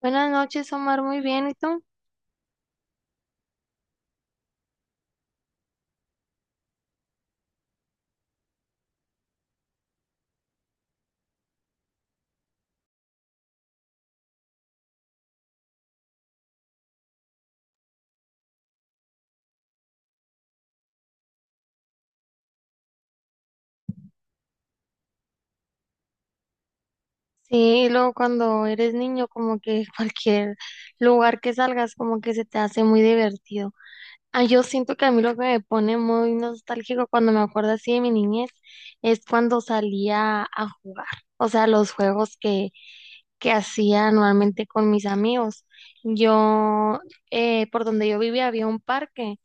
Buenas noches, Omar, muy bien, ¿y tú? Sí, y luego cuando eres niño, como que cualquier lugar que salgas, como que se te hace muy divertido. Ah, yo siento que a mí lo que me pone muy nostálgico cuando me acuerdo así de mi niñez es cuando salía a jugar, o sea, los juegos que hacía anualmente con mis amigos. Yo, por donde yo vivía había un parque.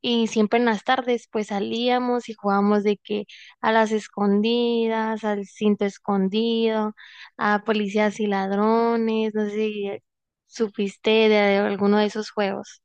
Y siempre en las tardes pues salíamos y jugábamos de que a las escondidas, al cinto escondido, a policías y ladrones, no sé si supiste de alguno de esos juegos.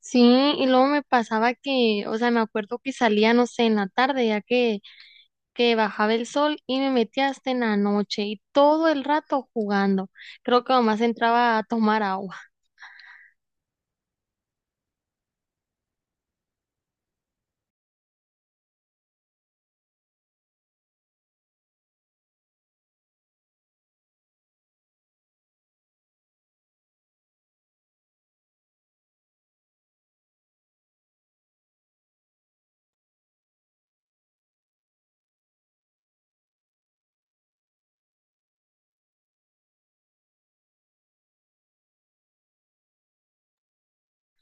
Sí, y luego me pasaba que, o sea, me acuerdo que salía, no sé, en la tarde, que bajaba el sol y me metía hasta en la noche y todo el rato jugando. Creo que nomás entraba a tomar agua.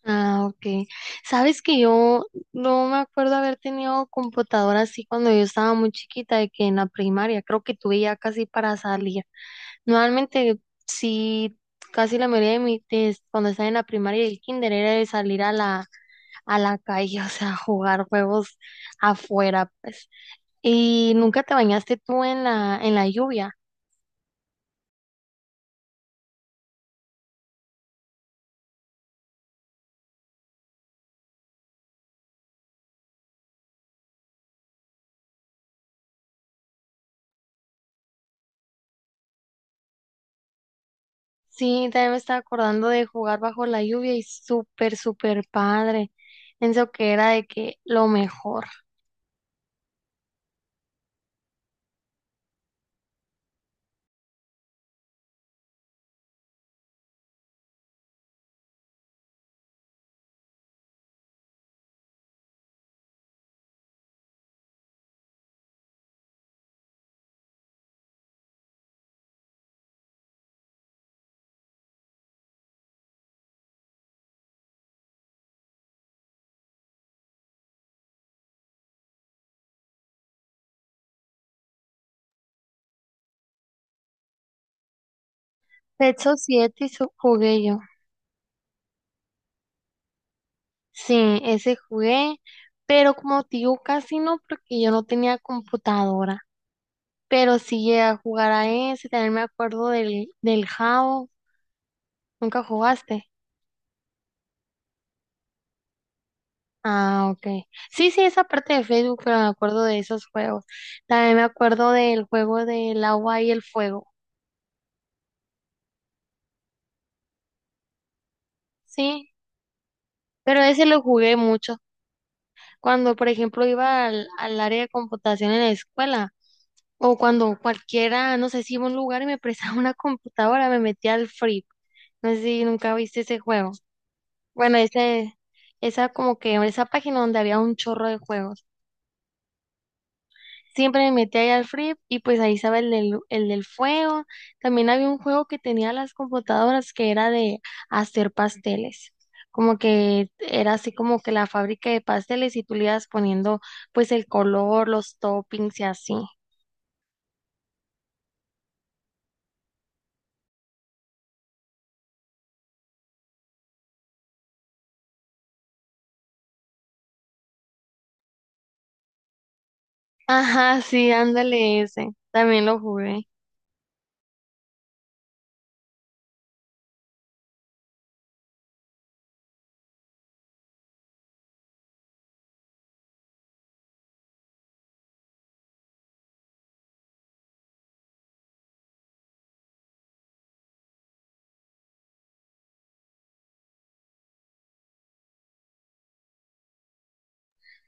Ah, ok. Sabes que yo no me acuerdo haber tenido computadora así cuando yo estaba muy chiquita, de que en la primaria, creo que tuve ya casi para salir. Normalmente, sí, casi la mayoría de mi, cuando estaba en la primaria y el kinder era de salir a la calle, o sea, jugar juegos afuera, pues. ¿Y nunca te bañaste tú en la lluvia? Sí, también me estaba acordando de jugar bajo la lluvia y súper, súper padre. Pienso que era de que lo mejor. Techo 7 y jugué yo. Sí, ese jugué, pero como te digo, casi no, porque yo no tenía computadora. Pero sí llegué a jugar a ese, también me acuerdo del, del Jabo. ¿Nunca jugaste? Ah, ok. Sí, sí, esa parte de Facebook, pero me acuerdo de esos juegos. También me acuerdo del juego del agua y el fuego. Sí, pero ese lo jugué mucho. Cuando, por ejemplo, iba al, al área de computación en la escuela, o cuando cualquiera, no sé si iba a un lugar y me prestaba una computadora, me metía al Free. No sé si nunca viste ese juego. Bueno, ese, esa como que, esa página donde había un chorro de juegos. Siempre me metí ahí al Free y pues ahí estaba el del fuego. También había un juego que tenía las computadoras que era de hacer pasteles. Como que era así como que la fábrica de pasteles y tú le ibas poniendo pues el color, los toppings y así. Ajá, sí, ándale ese. También lo jugué.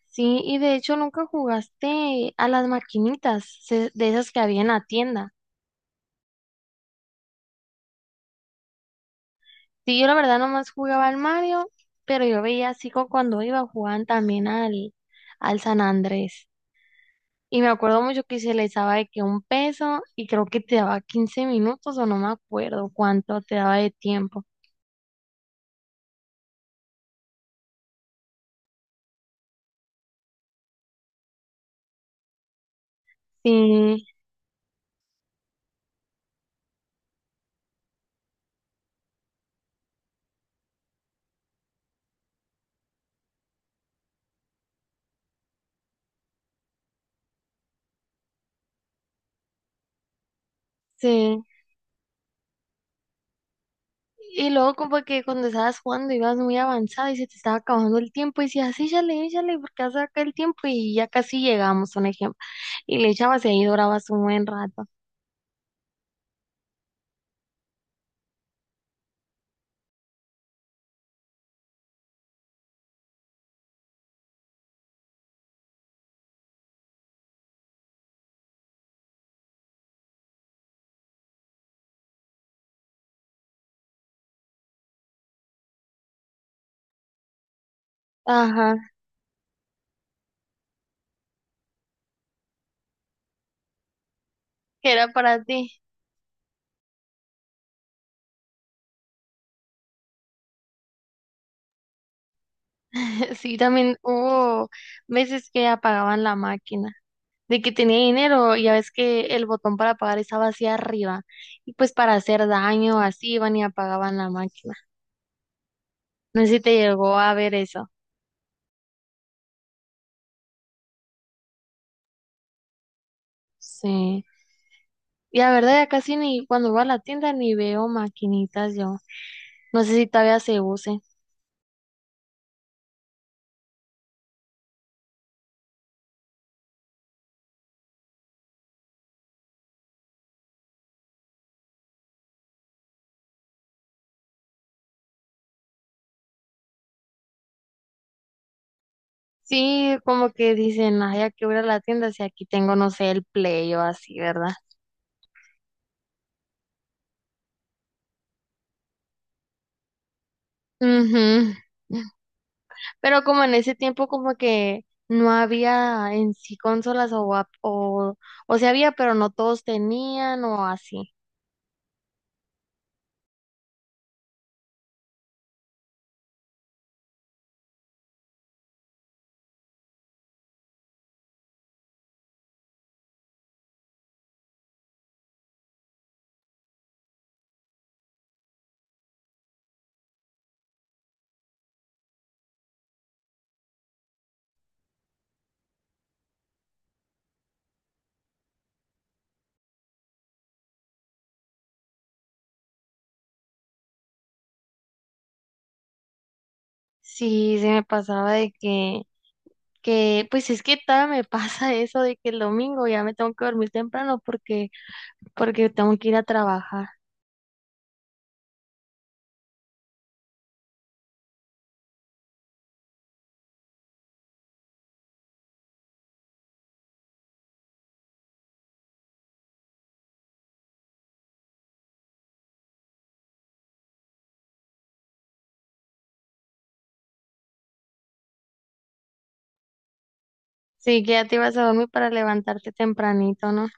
Sí, y de hecho nunca jugaste a las maquinitas de esas que había en la tienda. Sí, yo la verdad nomás jugaba al Mario, pero yo veía así como cuando iba jugaban también al, al San Andrés. Y me acuerdo mucho que se les daba de que un peso y creo que te daba 15 minutos o no me acuerdo cuánto te daba de tiempo. Sí, sí. Y luego como que cuando estabas jugando ibas muy avanzada y se te estaba acabando el tiempo y decías, "Ah, sí, échale, échale, porque hace acá el tiempo y ya casi llegamos", un ejemplo. Y le echabas y ahí durabas un buen rato. Ajá, que era para ti. Sí, también hubo veces que apagaban la máquina, de que tenía dinero, ya ves que el botón para pagar estaba hacia arriba, y pues para hacer daño, así iban y apagaban la máquina. No sé si te llegó a ver eso. Sí. Y la verdad, ya casi ni cuando voy a la tienda ni veo maquinitas yo. No sé si todavía se use. Sí, como que dicen, ay, ya que voy a ir a la tienda si aquí tengo, no sé, el Play o así, ¿verdad? Ujú. Pero como en ese tiempo como que no había en sí consolas o sí había, pero no todos tenían o así. Sí, se me pasaba de que, pues es que todavía me pasa eso de que el domingo ya me tengo que dormir temprano porque tengo que ir a trabajar. Sí, que ya te ibas a dormir para levantarte tempranito, ¿no?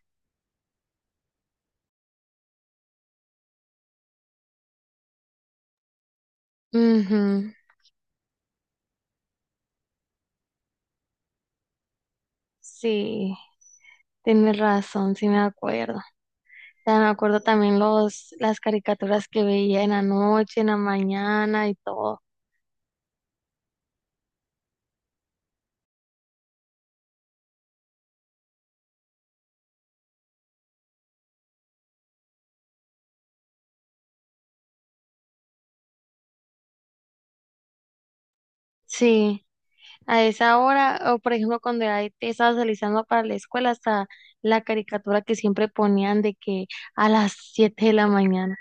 Mhm. Sí, tienes razón, sí me acuerdo. O sea, me acuerdo también los, las caricaturas que veía en la noche, en la mañana y todo. Sí, a esa hora, o por ejemplo, cuando ya te estabas realizando para la escuela, hasta la caricatura que siempre ponían de que a las 7 de la mañana.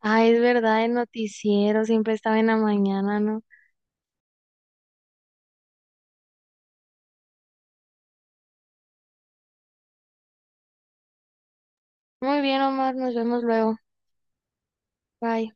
Ah, es verdad, el noticiero siempre estaba en la mañana, ¿no? Muy bien, Omar, nos vemos luego. Bye.